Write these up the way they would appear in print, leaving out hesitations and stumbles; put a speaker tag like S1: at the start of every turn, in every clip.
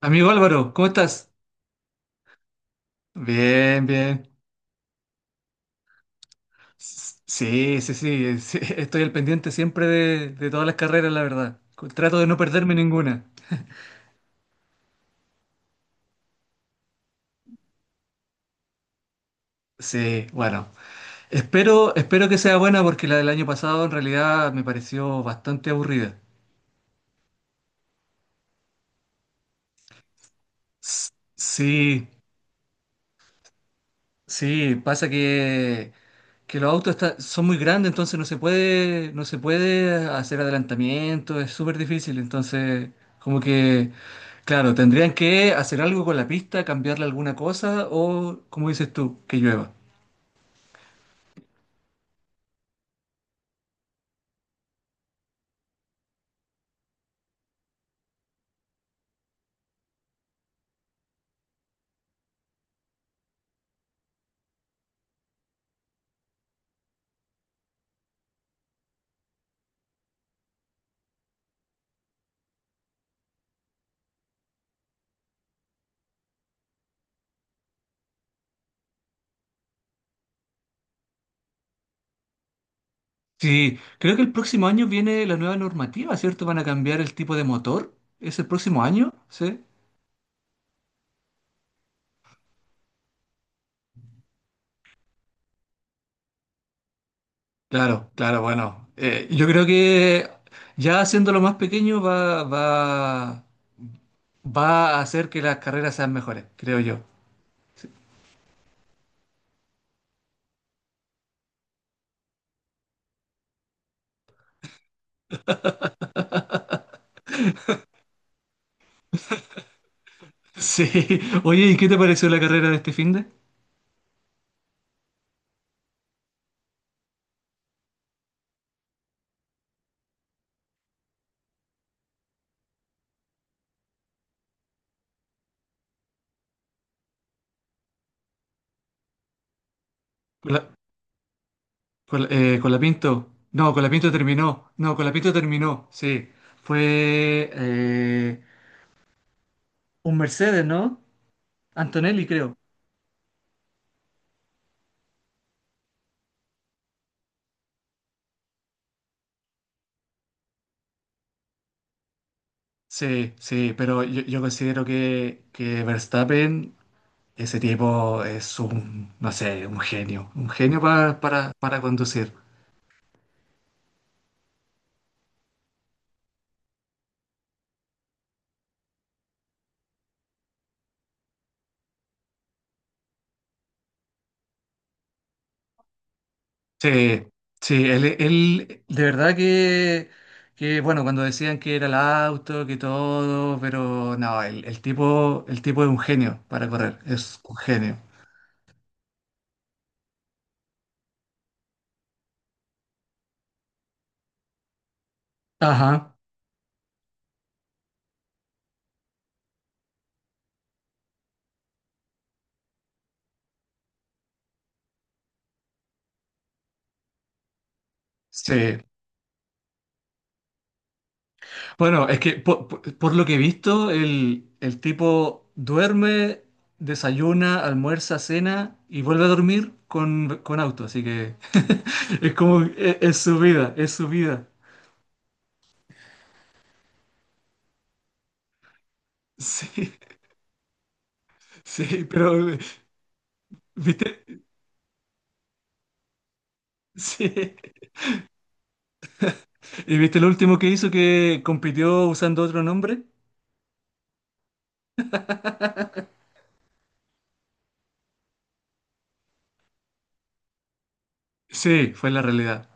S1: Amigo Álvaro, ¿cómo estás? Bien, bien. Sí, estoy al pendiente siempre de todas las carreras, la verdad. Trato de no perderme ninguna. Sí, bueno. Espero que sea buena porque la del año pasado en realidad me pareció bastante aburrida. S- Sí, Sí, pasa que los son muy grandes, entonces no se puede, no se puede hacer adelantamiento, es súper difícil. Entonces, como que, claro, tendrían que hacer algo con la pista, cambiarle alguna cosa o, como dices tú, que llueva. Sí, creo que el próximo año viene la nueva normativa, ¿cierto? Van a cambiar el tipo de motor. ¿Es el próximo año? Sí. Claro, claro, bueno. Yo creo que ya haciéndolo más pequeño va a hacer que las carreras sean mejores, creo yo. Sí. Oye, ¿y qué te pareció la carrera de este finde? Con la, con la Pinto. No, con la Pinto terminó. No, con la Pinto terminó. Sí. Fue un Mercedes, ¿no? Antonelli, creo. Sí, sí, pero yo considero que Verstappen, ese tipo es un, no sé, un genio. Un genio para conducir. Sí, sí, de verdad que, bueno, cuando decían que era el auto, que todo, pero no, el tipo, el tipo es un genio para correr, es un genio. Ajá, sí. Bueno, es que por lo que he visto, el tipo duerme, desayuna, almuerza, cena y vuelve a dormir con auto, así que es como, es su vida, es su vida. Sí, sí, pero, ¿viste? Sí. ¿Y viste lo último que hizo que compitió usando otro nombre? Sí, fue la realidad.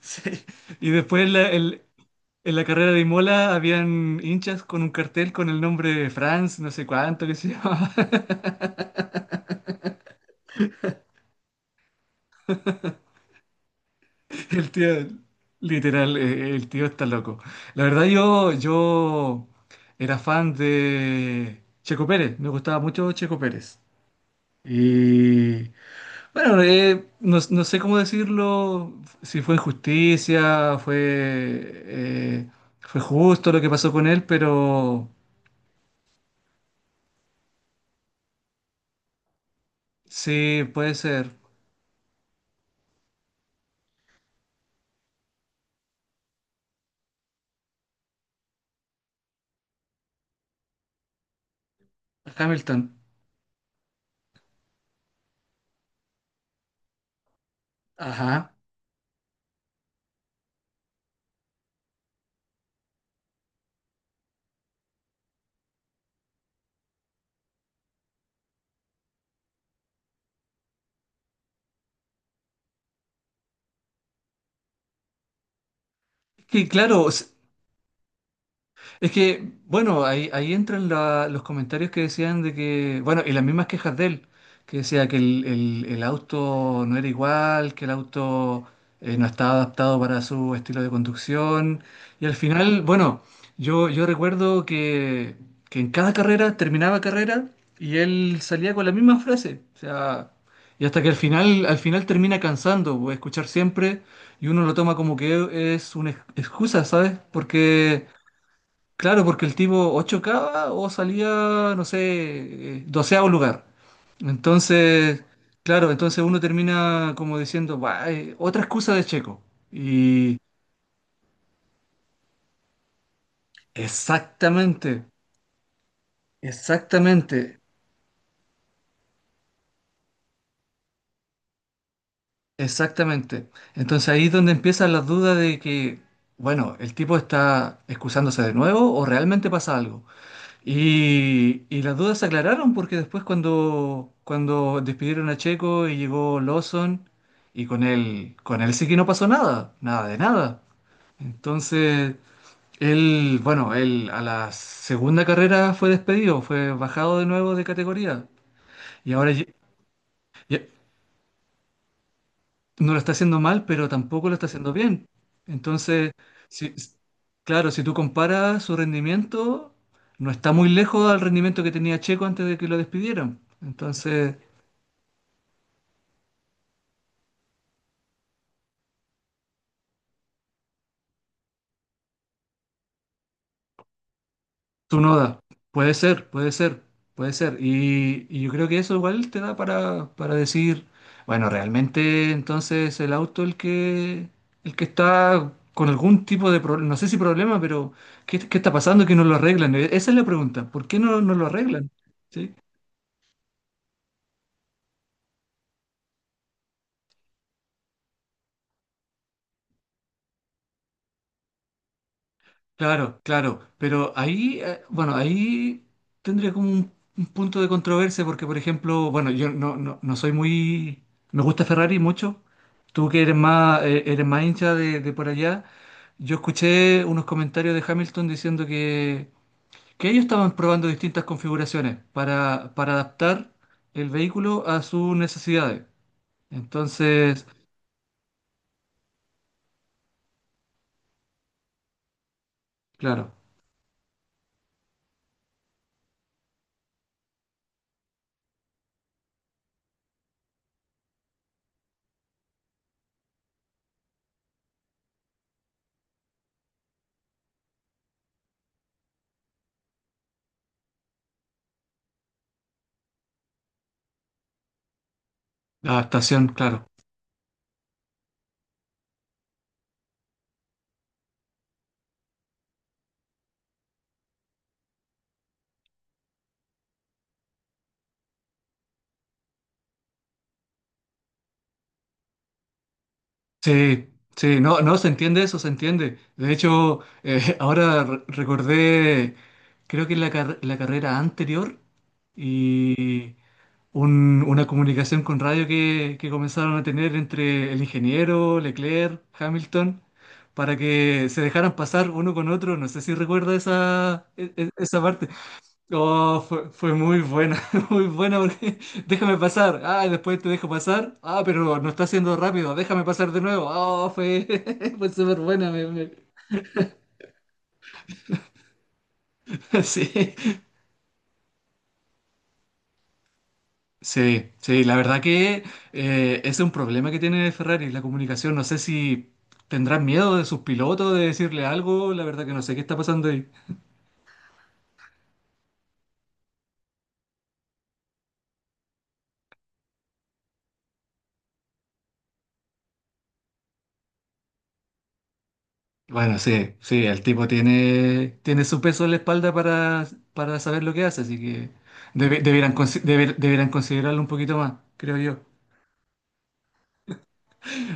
S1: Sí. Y después en en la carrera de Imola habían hinchas con un cartel con el nombre Franz, no sé cuánto, que se llamaba. El tío, literal, el tío está loco. La verdad yo era fan de Checo Pérez, me gustaba mucho Checo Pérez. Y bueno, no, no sé cómo decirlo, si fue injusticia, fue, eh, fue justo lo que pasó con él, pero sí, puede ser. Hamilton. Ajá. Que claro, s- Es que, bueno, ahí, ahí entran los comentarios que decían de que, bueno, y las mismas quejas de él, que decía que el auto no era igual, que el auto no estaba adaptado para su estilo de conducción. Y al final, bueno, yo recuerdo que en cada carrera, terminaba carrera, y él salía con la misma frase. O sea, y hasta que al final termina cansando, pues, escuchar siempre, y uno lo toma como que es una excusa, ¿sabes? Porque... Claro, porque el tipo o chocaba o salía, no sé, doceavo lugar. Entonces, claro, entonces uno termina como diciendo, "Buah, otra excusa de Checo". Y exactamente, exactamente, exactamente. Entonces ahí es donde empiezan las dudas de que, bueno, el tipo está excusándose de nuevo o realmente pasa algo. Y las dudas se aclararon porque después cuando despidieron a Checo y llegó Lawson, y con él sí que no pasó nada, nada de nada. Entonces, él, bueno, él a la segunda carrera fue despedido, fue bajado de nuevo de categoría. Y ahora, y, no lo está haciendo mal, pero tampoco lo está haciendo bien. Entonces, si- s- claro, si tú comparas su rendimiento, no está muy lejos al rendimiento que tenía Checo antes de que lo despidieran. Entonces, Tsunoda, puede ser, puede ser, puede ser. Y yo creo que eso igual te da para decir, bueno, realmente entonces el auto el que está con algún tipo de problema, no sé si problema, pero ¿qué, qué está pasando que no lo arreglan? E, esa es la pregunta, ¿por qué no, no lo arreglan? ¿Sí? Claro, claro, pero ahí, bueno, ahí tendría como un punto de controversia porque, por ejemplo, bueno, yo no, no, no soy muy, me gusta Ferrari mucho, tú que eres más hincha de por allá, yo escuché unos comentarios de Hamilton diciendo que ellos estaban probando distintas configuraciones para adaptar el vehículo a sus necesidades. Entonces, claro, la adaptación, claro. Sí, sí, no, no, se entiende eso, se entiende. De hecho, ahora recordé, creo que en la, la carrera anterior y una comunicación con radio que comenzaron a tener entre el ingeniero, Leclerc, Hamilton, para que se dejaran pasar uno con otro. No sé si recuerda esa, esa parte. Oh, fue, fue muy buena, muy buena porque déjame pasar. Ah, y después te dejo pasar. Ah, pero no está haciendo rápido. Déjame pasar de nuevo. Oh, fue, fue súper buena. Sí, sí, sí. La verdad que es un problema que tiene Ferrari, la comunicación. No sé si tendrán miedo de sus pilotos de decirle algo. La verdad que no sé qué está pasando ahí. Bueno, sí, sí, el tipo tiene, tiene su peso en la espalda para saber lo que hace, así que deberán considerarlo un poquito más, creo yo.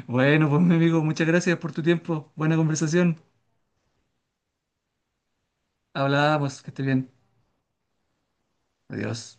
S1: Bueno, pues mi amigo, muchas gracias por tu tiempo. Buena conversación. Hablamos, que esté bien. Adiós.